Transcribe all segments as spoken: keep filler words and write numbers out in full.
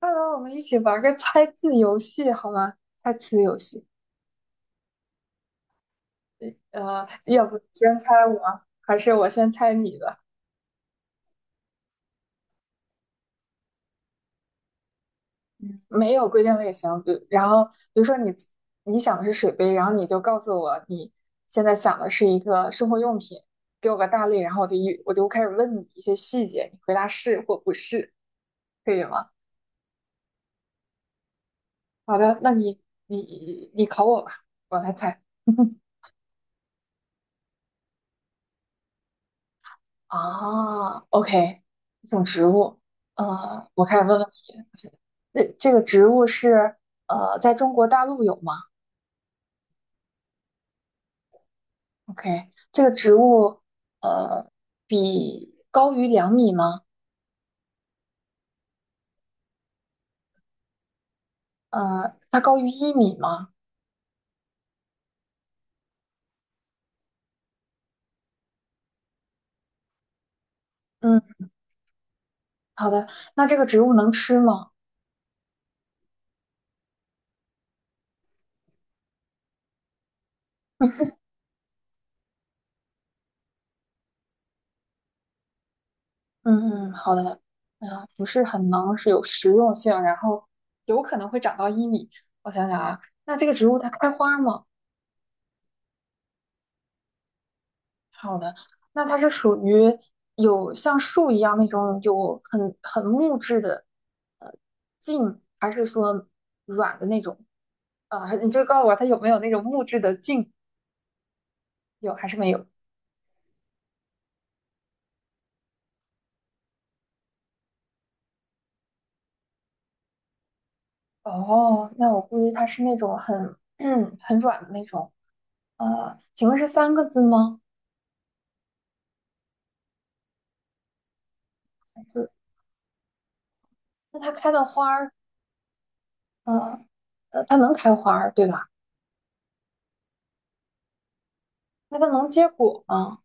快来，我们一起玩个猜字游戏好吗？猜词游戏。呃，要不先猜我，还是我先猜你的？嗯，没有规定类型，比如然后比如说你你想的是水杯，然后你就告诉我你现在想的是一个生活用品，给我个大类，然后我就一我就开始问你一些细节，你回答是或不是，可以吗？好的，那你你你考我吧，我来猜。啊，OK，一种植物，呃，我开始问问题。那这个植物是呃，在中国大陆有吗？OK，这个植物呃，比高于两米吗？呃，它高于一米吗？嗯，好的。那这个植物能吃吗？嗯嗯，好的。呃，不是很能，是有食用性，然后有可能会长到一米。我想想啊，那这个植物它开花吗？好的，那它是属于有像树一样那种有很很木质的呃茎，还是说软的那种？啊、你就告诉我它有没有那种木质的茎？有还是没有？哦，那我估计它是那种很 嗯很软的那种。呃，请问是三个字吗？就是那它开的花儿，呃呃，它能开花儿对吧？那它能结果吗？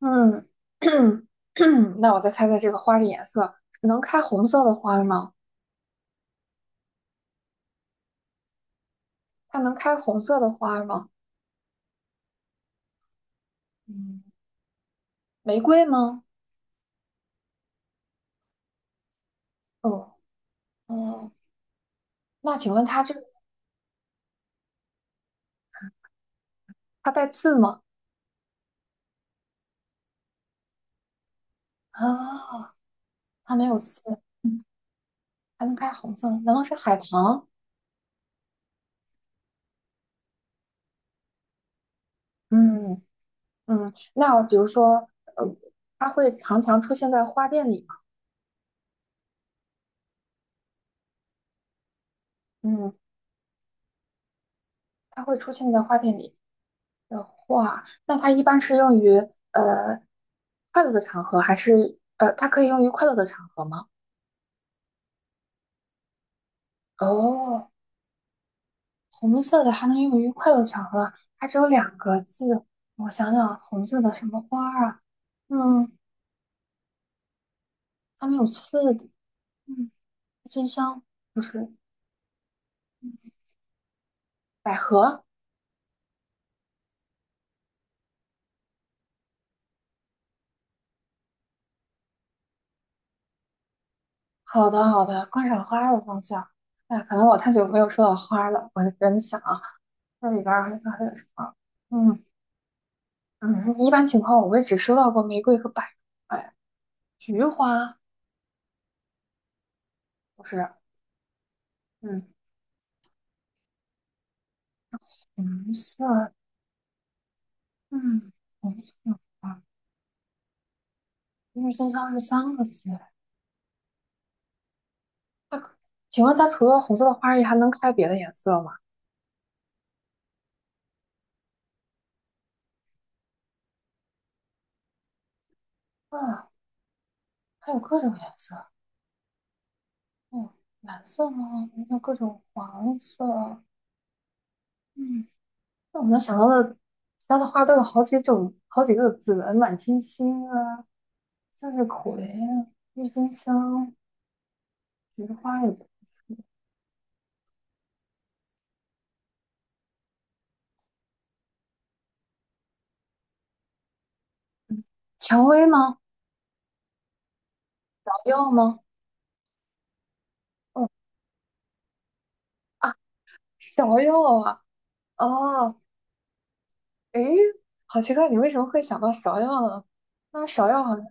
嗯，那我再猜猜这个花的颜色，能开红色的花吗？它能开红色的花吗？嗯，玫瑰吗？哦，哦，那请问它这个它带刺吗？啊，它没有刺，嗯，还能开红色的，难道是海棠？嗯嗯，那比如说，呃，它会常常出现在花店里吗？嗯，它会出现在花店里。的话，那它一般是用于呃快乐的场合，还是呃它可以用于快乐的场合吗？哦，红色的还能用于快乐场合，它只有两个字。我想想，红色的什么花儿啊？嗯，它没有刺的。嗯，真香不是嗯百合。好的，好的，观赏花儿的方向。那可能我太久没有说到花儿了，我就在想啊，那里边儿还有还有什么？嗯。嗯，一般情况我也只收到过玫瑰和百合，哎，菊花不是，嗯，红色，嗯，红色的花郁金香是三个字。那可请问它除了红色的花儿也还能开别的颜色吗？啊，还有各种颜色，嗯，蓝色吗？还有各种黄色，嗯，那我能想到的其他的花都有好几种，好几个字的，满天星啊，向日葵啊，郁金香，菊花也不错。蔷薇吗？芍药吗？哦啊，芍药啊，哦，诶，好奇怪，你为什么会想到芍药呢？那芍药好像，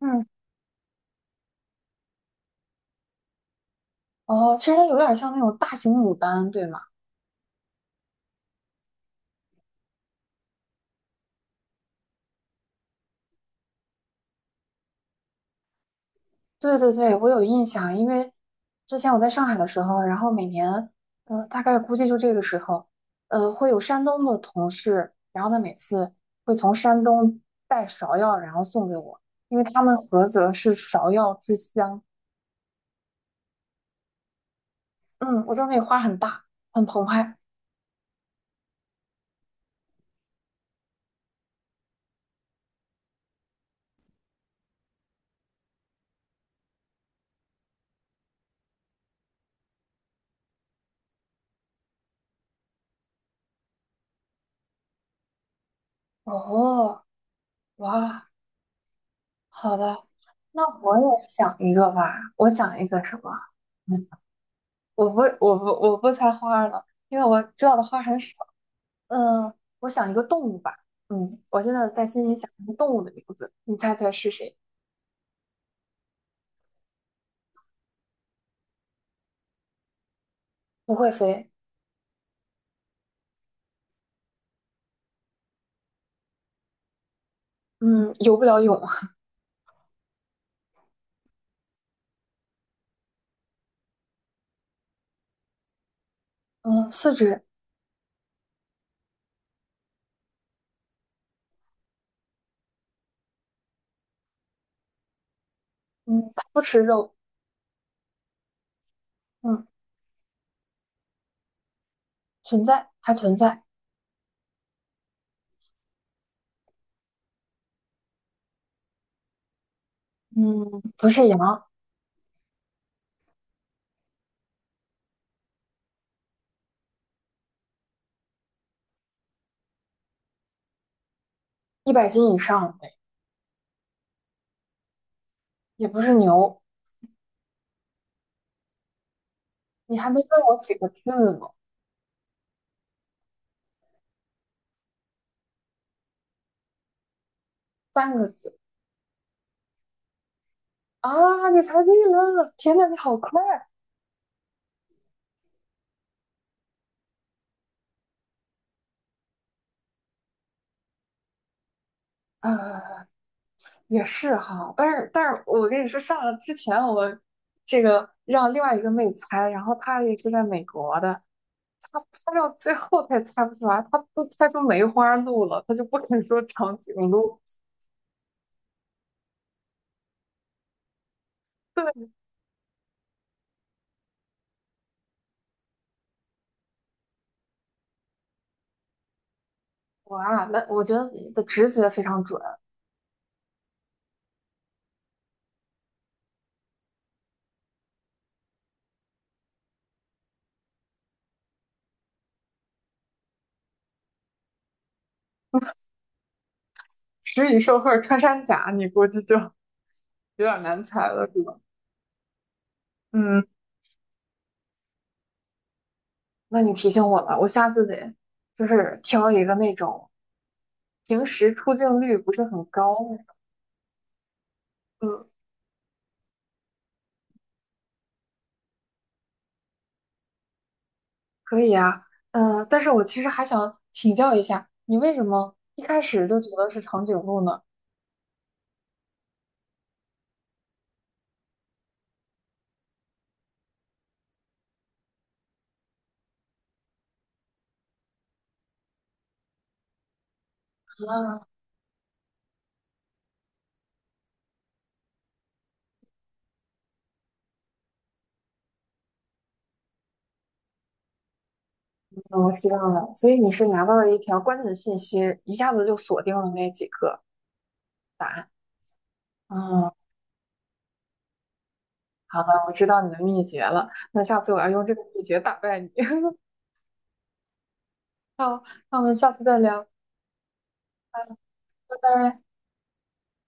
嗯，哦，其实它有点像那种大型牡丹，对吗？对对对，我有印象，因为之前我在上海的时候，然后每年，呃，大概估计就这个时候，呃，会有山东的同事，然后他每次会从山东带芍药，然后送给我，因为他们菏泽是芍药之乡。嗯，我知道那个花很大，很澎湃。哦，哇，好的，那我也想一个吧。我想一个什么？嗯，我不，我不，我不猜花儿了，因为我知道的花儿很少。嗯，我想一个动物吧。嗯，我现在在心里想一个动物的名字，你猜猜是谁？不会飞，嗯，游不了泳，嗯，四肢，嗯，它不吃肉，嗯，存在还存在，嗯，不是羊，一百斤以上，也不是牛，你还没问我几个字呢，三个字啊！你猜对了，天呐，你好快！啊！也是哈，但是但是我跟你说，上了之前我这个让另外一个妹猜，然后她也是在美国的，她猜到最后她也猜不出来，她都猜出梅花鹿了，她就不肯说长颈鹿。对，我啊，那我觉得你的直觉非常准，食蚁兽或者穿山甲，你估计就有点难猜了，是吧？嗯。那你提醒我了，我下次得就是挑一个那种平时出镜率不是很高的嗯，可以啊。呃，但是我其实还想请教一下，你为什么一开始就觉得是长颈鹿呢？嗯，我知道了，所以你是拿到了一条关键的信息，一下子就锁定了那几个答案。嗯，好的，我知道你的秘诀了。那下次我要用这个秘诀打败你。好，那我们下次再聊，拜拜。